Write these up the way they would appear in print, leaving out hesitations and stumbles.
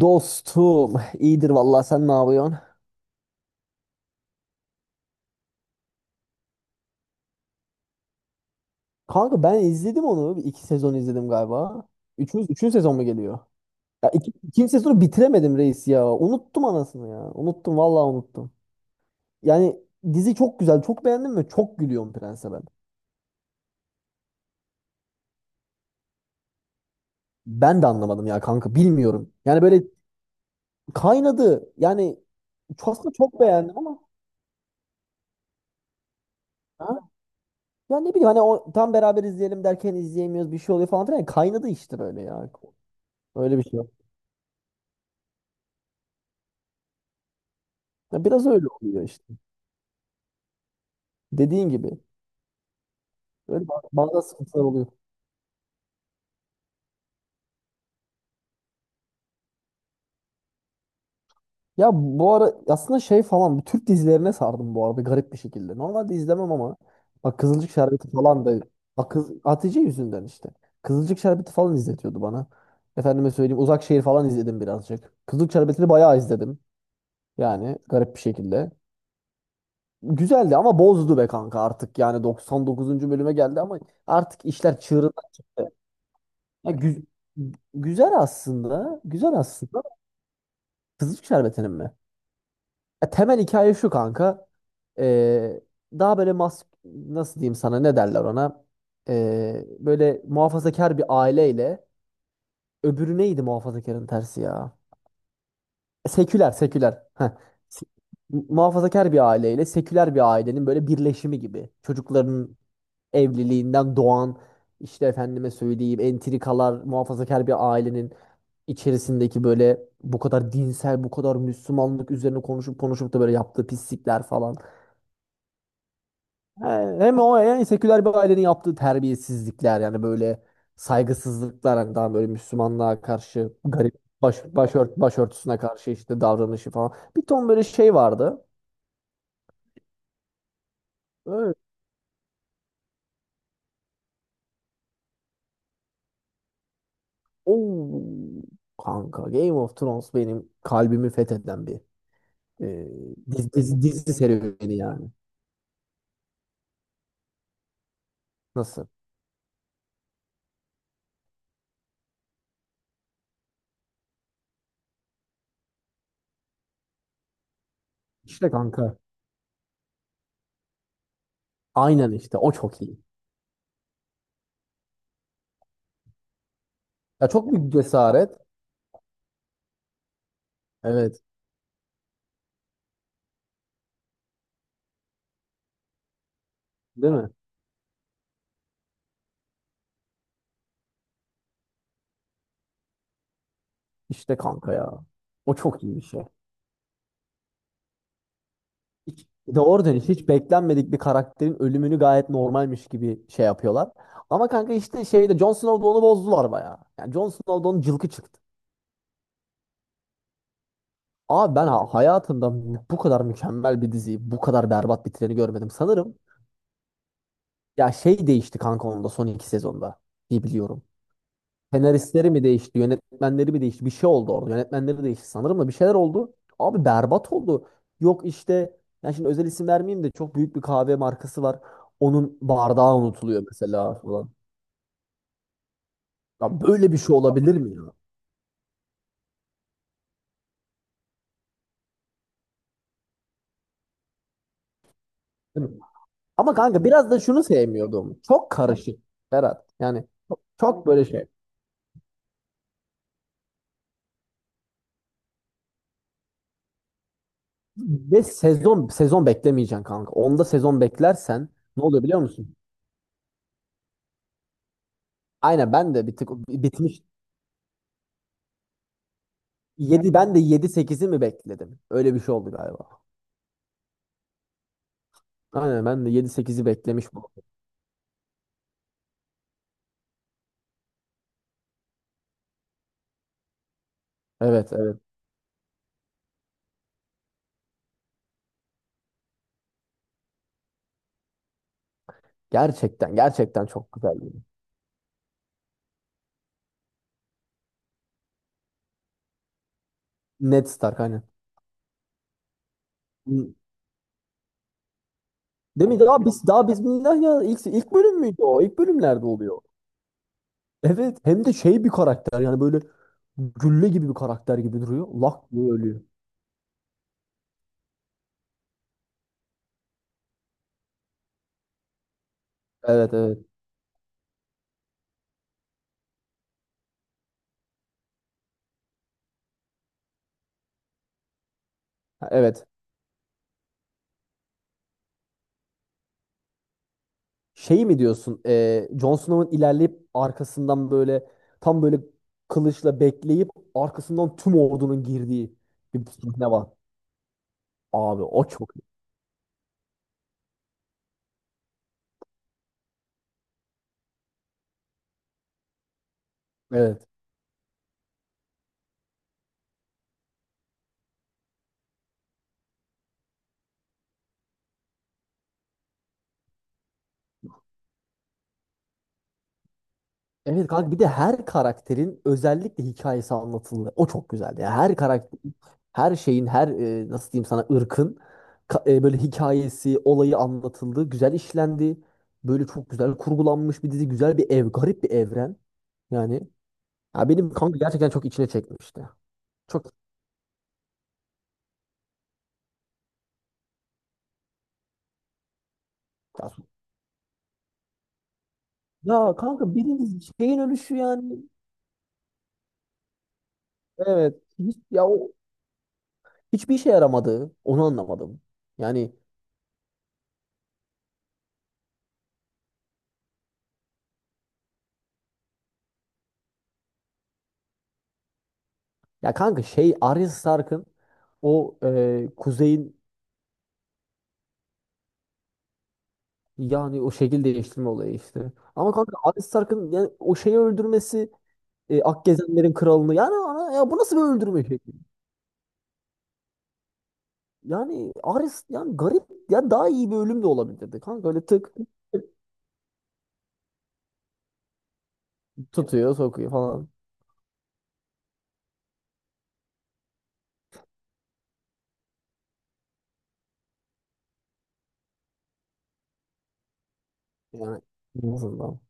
Dostum iyidir vallahi, sen ne yapıyorsun? Kanka ben izledim onu. Bir iki sezon izledim galiba. Üçüncü sezon mu geliyor? Ya iki, ikinci sezonu bitiremedim reis ya. Unuttum anasını ya. Unuttum vallahi, unuttum. Yani dizi çok güzel. Çok beğendim ve çok gülüyorum Prens'e ben. Ben de anlamadım ya kanka, bilmiyorum. Yani böyle kaynadı. Aslında çok beğendim ama. Ha? Ya ne bileyim, hani o, tam beraber izleyelim derken izleyemiyoruz, bir şey oluyor falan filan. Yani kaynadı işte böyle ya. Öyle bir şey. Ya biraz öyle oluyor işte. Dediğin gibi. Bazen sıkıntılar oluyor. Ya bu ara aslında şey falan, bu Türk dizilerine sardım bu arada, garip bir şekilde. Normalde izlemem ama bak Kızılcık Şerbeti falan da, bak kız, Hatice yüzünden işte. Kızılcık Şerbeti falan izletiyordu bana. Efendime söyleyeyim, Uzak Şehir falan izledim birazcık. Kızılcık Şerbeti'ni bayağı izledim. Yani garip bir şekilde. Güzeldi ama bozdu be kanka artık. Yani 99. bölüme geldi ama artık işler çığırından çıktı. Ya, gü- Güzel aslında. Güzel aslında. Kızılcık Şerbeti'nin mi? Ya temel hikaye şu kanka. Ee, Daha böyle mas, nasıl diyeyim sana, ne derler ona? Böyle muhafazakar bir aileyle, öbürü neydi muhafazakarın tersi ya? Seküler, seküler. Heh. Se- Muhafazakar bir aileyle seküler bir ailenin böyle birleşimi gibi. Çocukların evliliğinden doğan işte, efendime söyleyeyim, entrikalar, muhafazakar bir ailenin içerisindeki böyle bu kadar dinsel, bu kadar Müslümanlık üzerine konuşup konuşup da böyle yaptığı pislikler falan. Ha, hem o, yani seküler bir ailenin yaptığı terbiyesizlikler, yani böyle saygısızlıklar, hani daha böyle Müslümanlığa karşı garip başörtüsüne karşı işte davranışı falan. Bir ton böyle şey vardı. Öyle, o kanka Game of Thrones benim kalbimi fetheden bir e, dizi serüveni yani. Nasıl? İşte kanka. Aynen işte o çok iyi. Ya çok büyük cesaret. Evet. Değil mi? İşte kanka ya. O çok iyi bir şey. Bir de oradan işte hiç beklenmedik bir karakterin ölümünü gayet normalmiş gibi şey yapıyorlar. Ama kanka işte şeyde, Jon Snow'da onu bozdular bayağı. Yani Jon Snow'da onun cılkı çıktı. Abi hayatımda bu kadar mükemmel bir diziyi bu kadar berbat bitireni görmedim sanırım. Ya şey değişti kanka onda, son iki sezonda diye biliyorum. Senaristleri mi değişti, yönetmenleri mi değişti? Bir şey oldu orada. Yönetmenleri değişti sanırım da, bir şeyler oldu. Abi berbat oldu. Yok işte, yani şimdi özel isim vermeyeyim de çok büyük bir kahve markası var. Onun bardağı unutuluyor mesela falan. Ya böyle bir şey olabilir mi ya? Değil mi? Ama kanka biraz da şunu sevmiyordum. Çok karışık Berat. Yani çok çok böyle şey. Ve sezon sezon beklemeyeceksin kanka. Onda sezon beklersen ne oluyor biliyor musun? Aynen, ben de bir tık bitmiş. 7, ben de yedi sekizi mi bekledim? Öyle bir şey oldu galiba. Aynen, ben de yedi sekizi beklemiş bu. Evet, evet. Gerçekten gerçekten çok güzel. Ned Stark aynen. Değil mi? Daha biz daha bismillah ya, ilk bölüm müydü o? İlk bölümlerde oluyor. Evet, hem de şey bir karakter, yani böyle gülle gibi bir karakter gibi duruyor. Lak diye ölüyor. Evet, evet. Ha, evet. Şey mi diyorsun? Jon Snow'un ilerleyip arkasından böyle, tam böyle kılıçla bekleyip arkasından tüm ordunun girdiği bir sahne var. Abi o çok iyi. Evet. Evet kanka, bir de her karakterin özellikle hikayesi anlatıldı. O çok güzeldi. Yani her karakter, her şeyin, her nasıl diyeyim sana, ırkın böyle hikayesi, olayı anlatıldı. Güzel işlendi. Böyle çok güzel kurgulanmış bir dizi. Güzel bir ev, garip bir evren. Yani ya benim kanka gerçekten çok içine çekmişti. Çok ya, ya kanka birinin şeyin ölüşü yani, ya o hiçbir işe yaramadı. Onu anlamadım. Yani ya kanka, şey Arya Stark'ın o kuzeyin, yani o şekil değiştirme olayı işte. Ama kanka Arya Stark'ın yani o şeyi öldürmesi, Akgezenlerin kralını, yani ana, ya bu nasıl bir öldürme şekli? Yani Arya yani garip, ya daha iyi bir ölüm de olabilirdi. Kanka öyle tık tutuyor sokuyor falan. Yani en azından.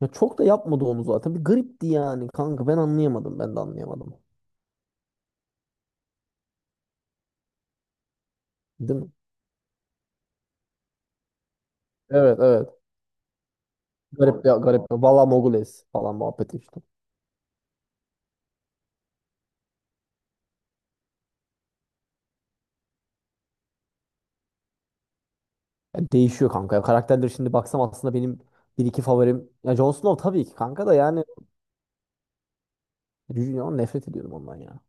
Ya çok da yapmadı onu zaten. Bir garipti yani kanka. Ben anlayamadım. Ben de anlayamadım. Değil mi? Evet, evet. Garip ya, garip. Valla Mogules falan muhabbeti işte. Yani değişiyor kanka. Ya karakterleri şimdi baksam aslında benim bir iki favorim. Ya Jon Snow tabii ki kanka da yani. Junior, nefret ediyordum ondan ya.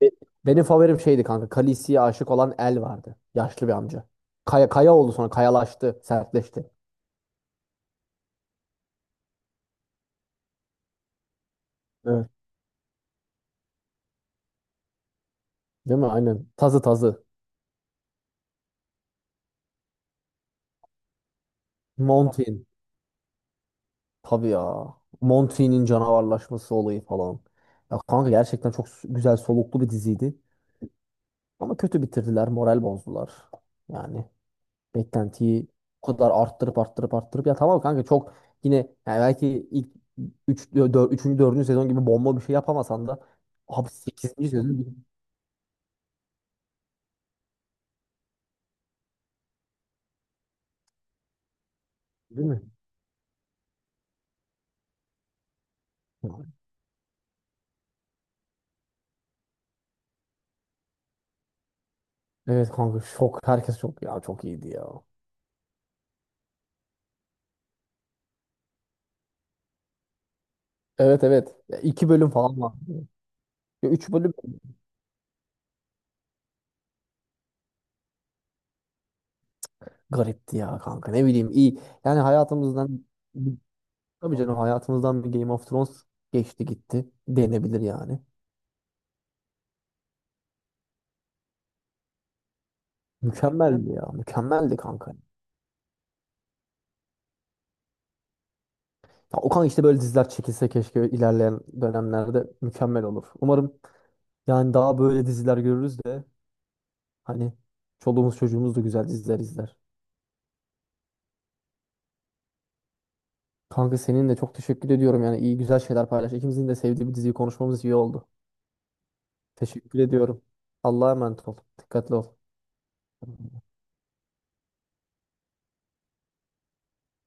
Be- Benim favorim şeydi kanka. Khaleesi'ye aşık olan El vardı. Yaşlı bir amca. Kaya oldu sonra. Kayalaştı. Sertleşti. Evet. Değil mi? Aynen. Tazı. Mountain. Tabii ya. Monty'nin canavarlaşması olayı falan. Ya kanka gerçekten çok güzel soluklu bir diziydi. Ama kötü bitirdiler, moral bozdular. Yani beklentiyi o kadar arttırıp ya tamam kanka çok yine yani belki ilk 3. 4. sezon gibi bomba bir şey yapamasan da abi 8. sezon gibi, değil mi? Evet kanka, şok herkes, çok ya, çok iyiydi ya. Evet, evet. Ya iki bölüm falan var. Ya üç bölüm garipti ya kanka, ne bileyim, iyi. Yani hayatımızdan, tabii canım, hayatımızdan bir Game of Thrones geçti gitti denebilir yani. Mükemmeldi ya, mükemmeldi kanka. Ya Okan işte böyle diziler çekilse keşke, ilerleyen dönemlerde mükemmel olur. Umarım yani daha böyle diziler görürüz de, hani çoluğumuz çocuğumuz da güzel diziler izler. Kanka seninle çok teşekkür ediyorum yani, iyi güzel şeyler paylaş. İkimizin de sevdiği bir diziyi konuşmamız iyi oldu. Teşekkür ediyorum. Allah'a emanet ol. Dikkatli ol.